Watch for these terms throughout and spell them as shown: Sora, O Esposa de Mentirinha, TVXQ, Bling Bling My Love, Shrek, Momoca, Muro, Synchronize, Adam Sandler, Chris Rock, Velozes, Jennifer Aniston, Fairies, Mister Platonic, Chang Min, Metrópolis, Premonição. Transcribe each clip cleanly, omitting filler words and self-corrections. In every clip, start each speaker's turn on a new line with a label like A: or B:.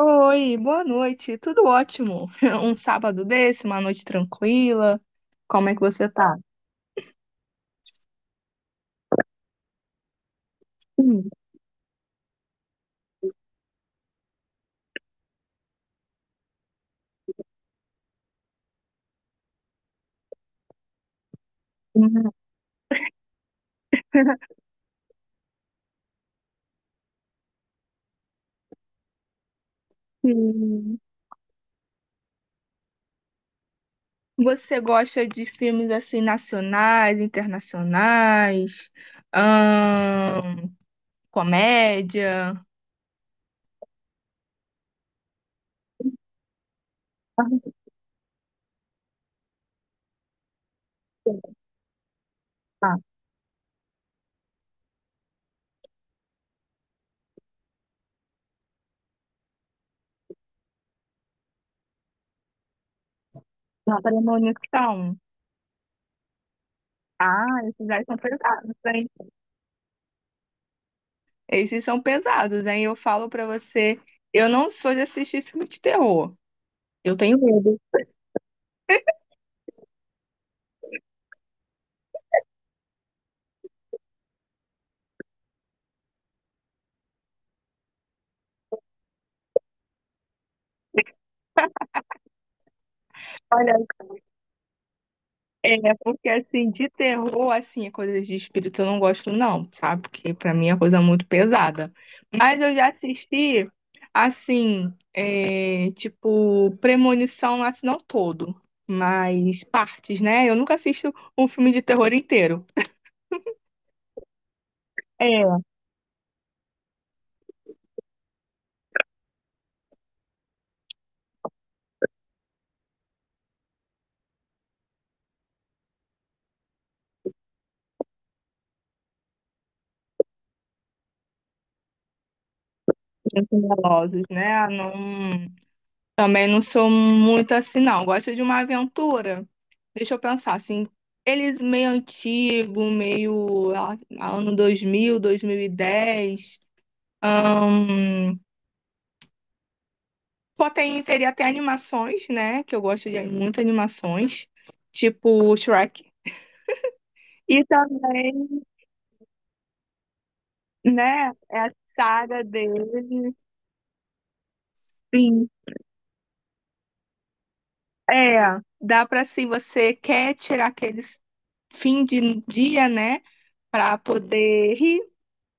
A: Oi, boa noite. Tudo ótimo. Um sábado desse, uma noite tranquila. Como é que você tá? Hum, hum. Você gosta de filmes assim nacionais, internacionais, ahn, comédia? Ah, uma premonição. Ah, esses aí são pesados, hein? Esses são pesados, hein? Eu falo pra você, eu não sou de assistir filme de terror. Eu tenho medo. É, porque assim, de terror, assim, é coisas de espírito eu não gosto, não, sabe? Porque pra mim é coisa muito pesada. Mas eu já assisti, assim, é, tipo, Premonição, assim, não todo, mas partes, né? Eu nunca assisto um filme de terror inteiro. É, Velozes, né? Não. Também não sou muito assim, não. Gosto de uma aventura. Deixa eu pensar, assim, eles meio antigo, meio ah, ano 2000, 2010. Ahn, pô, teria até animações, né? Que eu gosto de muitas animações, tipo Shrek. E também, né, é a saga dele. Sim, é. Dá para se você quer tirar aquele fim de dia, né? Para poder rir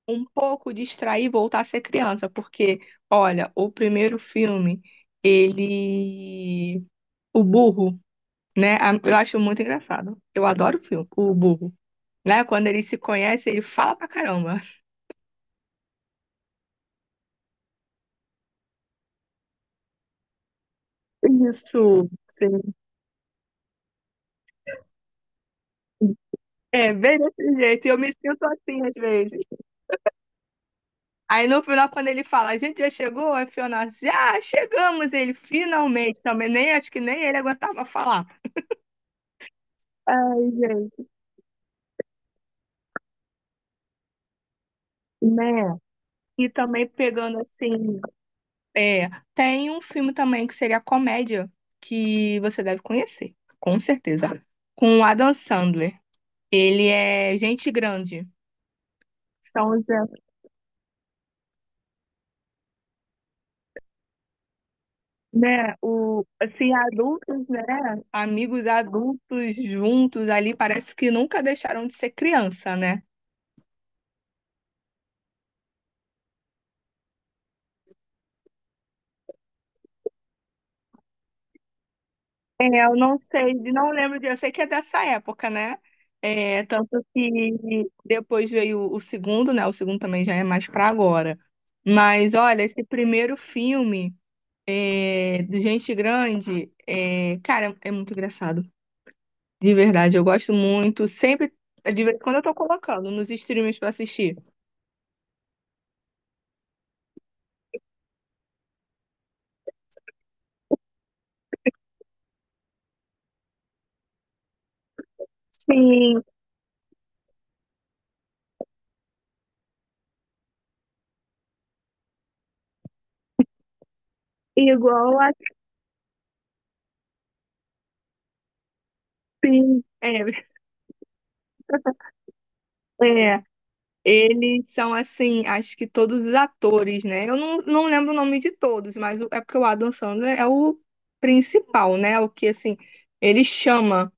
A: um pouco distrair e voltar a ser criança, porque, olha, o primeiro filme, ele. O burro, né? a- Eu acho muito engraçado. Eu adoro o filme, o burro. Né? Quando ele se conhece, ele fala pra caramba. Isso, sim. É, bem desse jeito. E eu me sinto assim às vezes. Aí no final, quando ele fala, a gente já chegou, a Fiona diz, ah, chegamos. Ele finalmente também, nem acho que nem ele aguentava falar. Ai, gente, né? E também pegando assim. É, tem um filme também que seria comédia, que você deve conhecer, com certeza. Com o Adam Sandler. Ele é gente grande. São os, é, né, o, assim, adultos, né? Amigos adultos juntos ali, parece que nunca deixaram de ser criança, né? É, eu não sei, não lembro de, eu sei que é dessa época, né? É, tanto que depois veio o segundo, né? O segundo também já é mais pra agora. Mas olha, esse primeiro filme é, de gente grande, é, cara, é muito engraçado. De verdade, eu gosto muito. Sempre, de vez em quando eu tô colocando nos streams pra assistir. Sim, igual assim. É, é. Eles são assim, acho que todos os atores, né? Eu não, não lembro o nome de todos, mas o- é porque o Adam Sandler é o principal, né? O que assim, ele chama.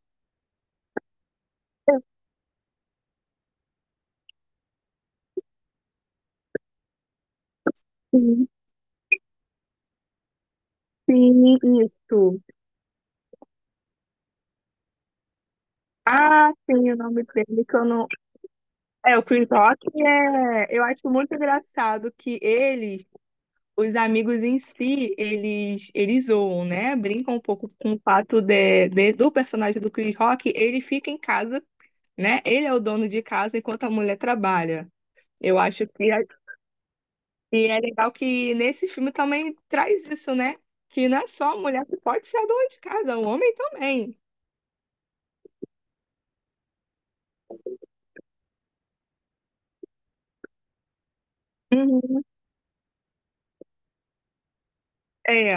A: Sim, sim, isso. Ah, sim, o nome dele que eu não É, o Chris Rock é, eu acho muito engraçado que eles, os amigos em si, eles zoam, né? Brincam um pouco com o fato de- do personagem do Chris Rock, ele fica em casa, né? Ele é o dono de casa enquanto a mulher trabalha. Eu acho que é legal que nesse filme também traz isso, né? Que não é só a mulher que pode ser a dona de casa, o homem também. Uhum. É.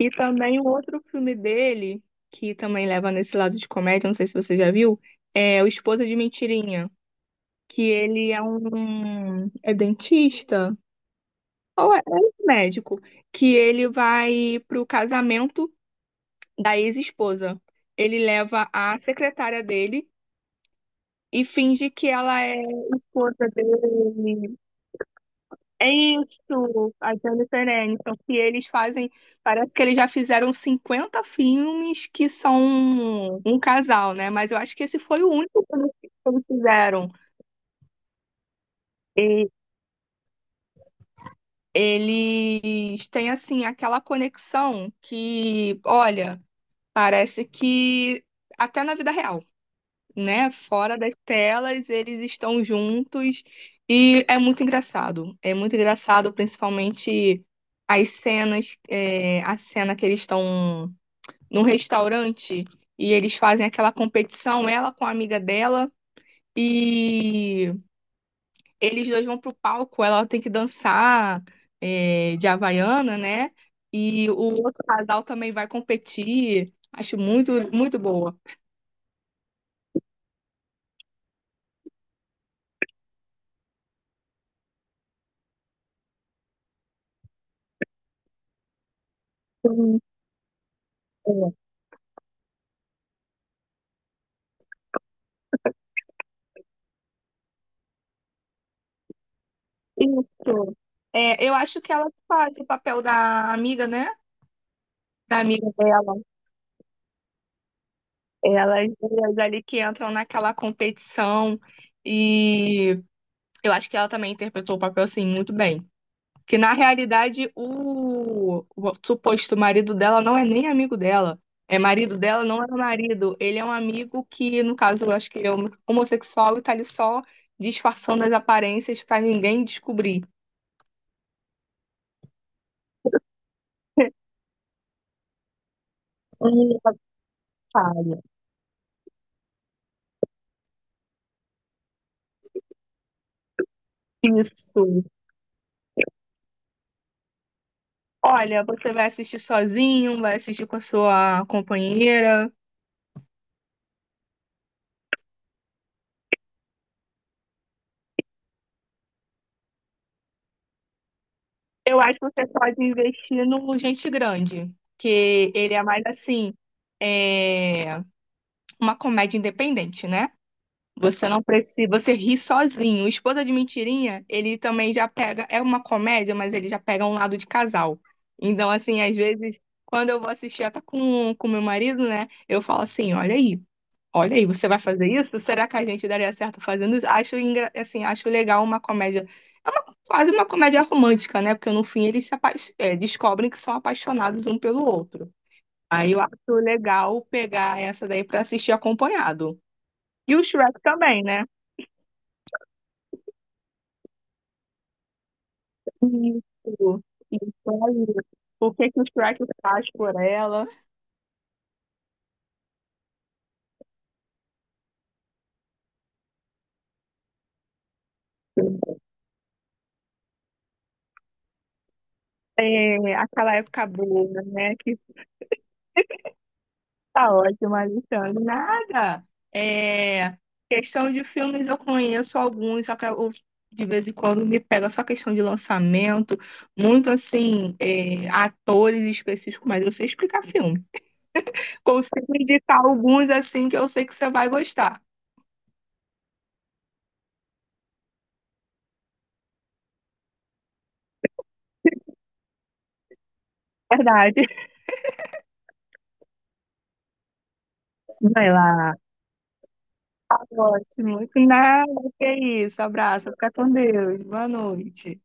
A: E também o outro filme dele, que também leva nesse lado de comédia, não sei se você já viu, é O Esposa de Mentirinha, que ele é um é dentista ou é é um médico, que ele vai pro casamento da ex-esposa. Ele leva a secretária dele e finge que ela é esposa dele. É isso, a Jennifer Aniston, que eles fazem, parece que eles já fizeram 50 filmes que são um casal, né? Mas eu acho que esse foi o único filme que eles fizeram. E eles têm, assim, aquela conexão que, olha, parece que até na vida real. Né? Fora das telas, eles estão juntos e é muito engraçado. É muito engraçado, principalmente as cenas, é, a cena que eles estão num restaurante e eles fazem aquela competição, ela com a amiga dela, e eles dois vão pro palco, ela tem que dançar, é, de Havaiana, né? E o outro casal também vai competir. Acho muito, muito boa. Sim, é. Isso. É, eu acho que ela faz o papel da amiga, né? Da amiga dela. Elas duas ali que entram naquela competição. E eu acho que ela também interpretou o papel assim muito bem. Que na realidade o suposto marido dela não é nem amigo dela. É marido dela, não é um marido. Ele é um amigo que, no caso, eu acho que é homo- homossexual e tá ali só disfarçando as aparências pra ninguém descobrir. Um detalhe. Isso. Olha, você vai assistir sozinho, vai assistir com a sua companheira. Eu acho que você pode investir no Gente Grande, que ele é mais assim, é uma comédia independente, né? Você não precisa, você ri sozinho. O Esposa de Mentirinha, ele também já pega, é uma comédia, mas ele já pega um lado de casal. Então, assim, às vezes, quando eu vou assistir até com meu marido, né? Eu falo assim, olha aí. Olha aí, você vai fazer isso? Será que a gente daria certo fazendo isso? Acho, engra- assim, acho legal uma comédia. É uma, quase uma comédia romântica, né? Porque no fim eles se apa- é, descobrem que são apaixonados um pelo outro. Aí eu acho legal pegar essa daí para assistir acompanhado. E o Shrek também, né? Isso. Isso aí. O que que o Shrek faz por ela? É, aquela época boa, né? Que Tá ótimo, Alexandre. Nada. É, questão de filmes, eu conheço alguns, só que eu, de vez em quando me pega só questão de lançamento, muito assim, é, atores específicos, mas eu sei explicar filme. Consigo indicar alguns assim que eu sei que você vai gostar. Verdade. Vai lá. Ótimo. Nada, que isso. Abraço. Fica com Deus. Boa noite.